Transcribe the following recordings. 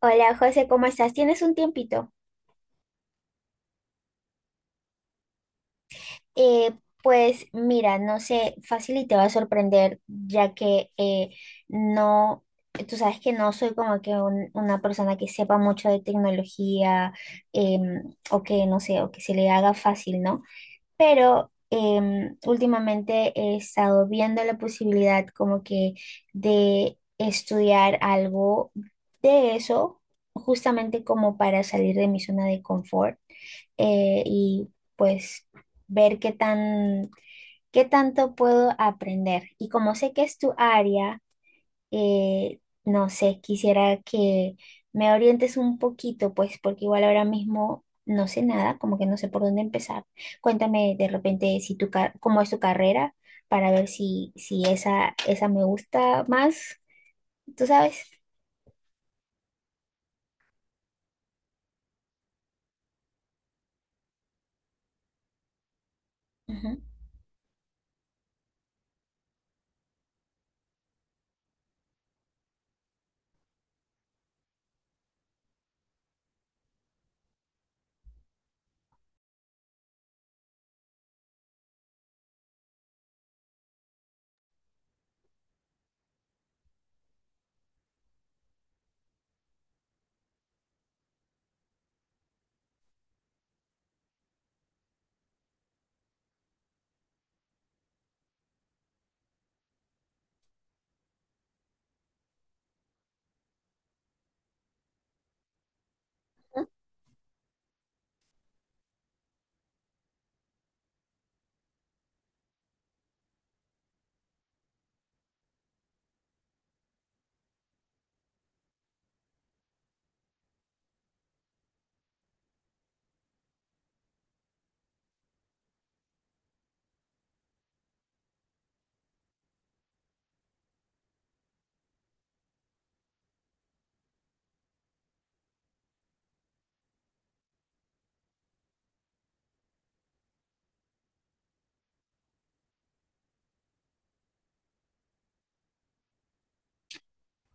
Hola José, ¿cómo estás? ¿Tienes un tiempito? Eh, pues mira, no sé, fácil y te va a sorprender, ya que no, tú sabes que no soy como que una persona que sepa mucho de tecnología, em, o que no sé, o que se le haga fácil, ¿no? Pero últimamente he estado viendo la posibilidad como que de estudiar algo de eso, justamente como para salir de mi zona de confort, y pues ver qué tanto puedo aprender. Y como sé que es tu área, eh, no sé, quisiera que me orientes un poquito, pues, porque igual ahora mismo no sé nada, como que no sé por dónde empezar. Cuéntame de repente si cómo es tu carrera para ver si, si esa me gusta más, ¿tú sabes? Ujú.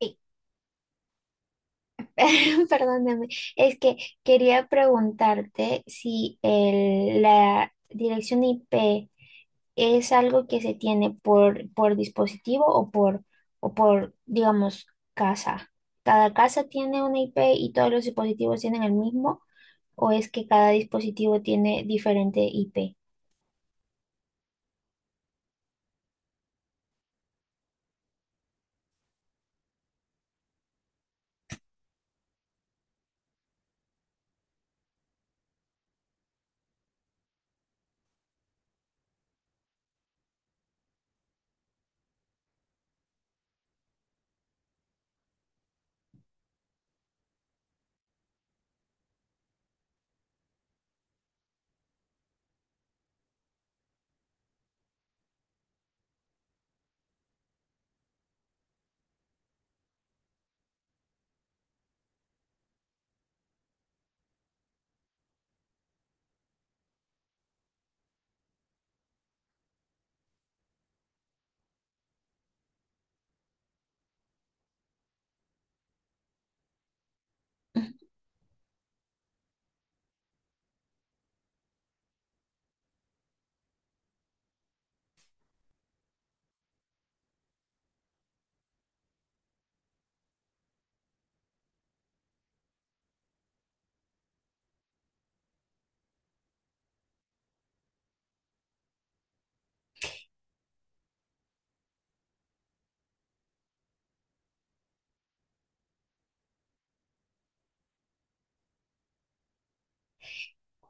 Sí, perdóname, es que quería preguntarte si la dirección IP es algo que se tiene por dispositivo o por, digamos, casa. ¿Cada casa tiene una IP y todos los dispositivos tienen el mismo? ¿O es que cada dispositivo tiene diferente IP?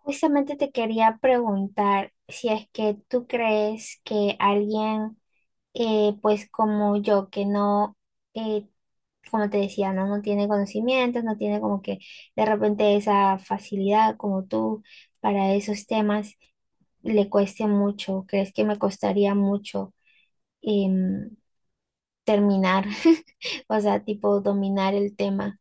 Justamente te quería preguntar si es que tú crees que alguien, pues como yo, que no, eh, como te decía, ¿no? No tiene conocimientos, no tiene como que de repente esa facilidad como tú para esos temas, le cueste mucho, crees que me costaría mucho em, terminar, o sea, tipo dominar el tema.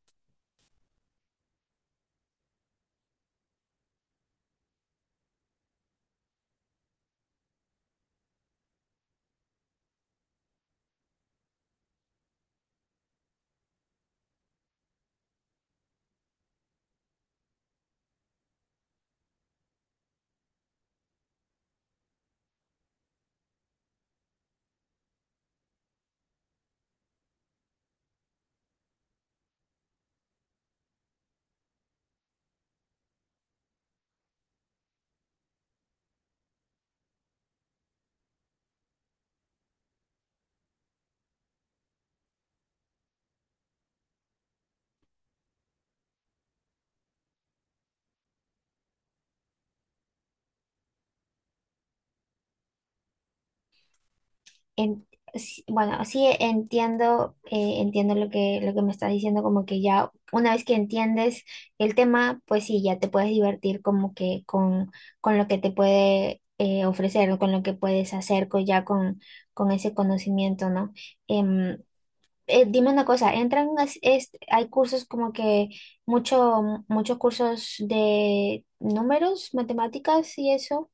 En- sí, bueno, sí entiendo, entiendo lo que me estás diciendo, como que ya una vez que entiendes el tema, pues sí, ya te puedes divertir como que con lo que te puede ofrecer o con lo que puedes hacer ya con ese conocimiento, ¿no? Em, Dime una cosa, hay cursos como que mucho, muchos cursos de números, matemáticas y eso,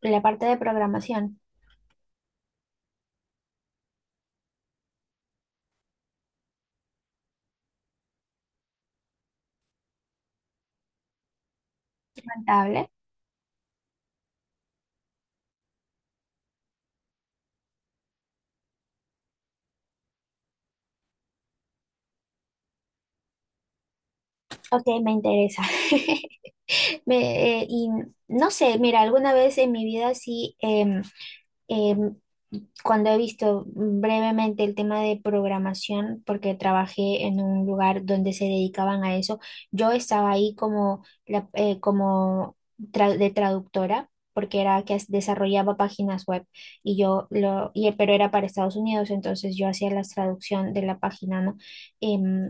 la parte de programación contable. Ok, me interesa. Y no sé, mira, alguna vez en mi vida sí, Em, cuando he visto brevemente el tema de programación, porque trabajé en un lugar donde se dedicaban a eso, yo estaba ahí como, como de traductora, porque era que desarrollaba páginas web y pero era para Estados Unidos, entonces yo hacía la traducción de la página, ¿no? Em,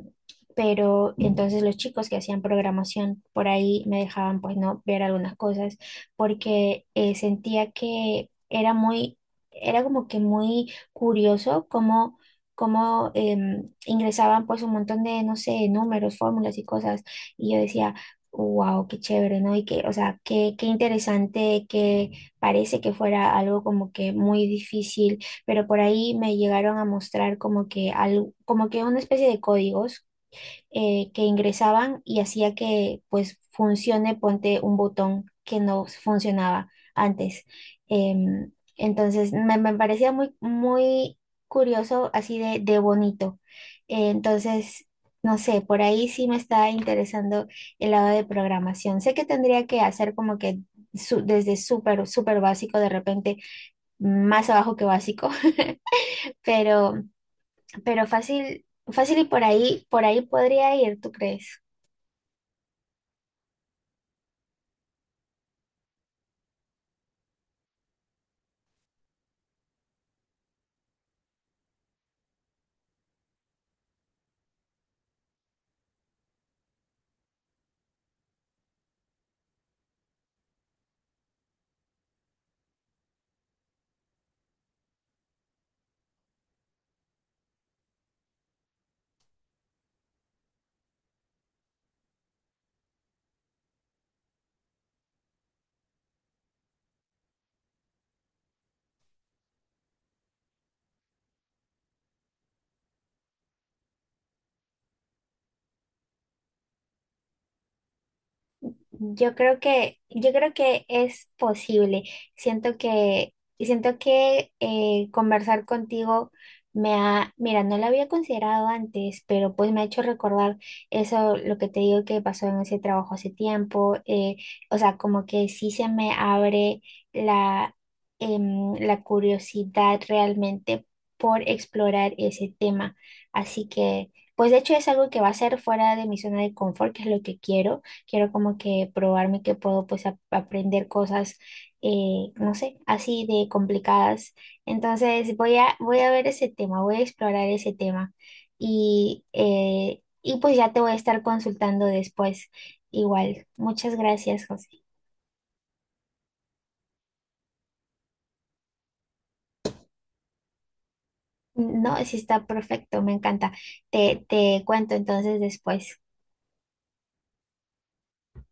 pero entonces los chicos que hacían programación por ahí me dejaban pues no ver algunas cosas porque sentía que era era como que muy curioso cómo ingresaban pues un montón de, no sé, números, fórmulas y cosas. Y yo decía, wow, qué chévere, ¿no? Y que, o sea, qué interesante, que parece que fuera algo como que muy difícil, pero por ahí me llegaron a mostrar como que, como que una especie de códigos que ingresaban y hacía que pues funcione, ponte un botón que no funcionaba antes. Entonces me parecía muy curioso, así de bonito. Eh, entonces, no sé, por ahí sí me está interesando el lado de programación. Sé que tendría que hacer como que desde súper, súper básico, de repente más abajo que básico, pero, pero fácil, fácil y por ahí podría ir, ¿tú crees? Yo creo que es posible. Siento que, Siento que conversar contigo me ha, mira, no lo había considerado antes, pero pues me ha hecho recordar eso, lo que te digo que pasó en ese trabajo hace tiempo. O sea, como que sí se me abre la, la curiosidad realmente por explorar ese tema. Así que, pues de hecho es algo que va a ser fuera de mi zona de confort, que es lo que quiero como que probarme que puedo pues aprender cosas, no sé, así de complicadas. Entonces voy a ver ese tema, voy a explorar ese tema y pues ya te voy a estar consultando después igual. Muchas gracias, José. No, sí está perfecto, me encanta. Te cuento entonces después.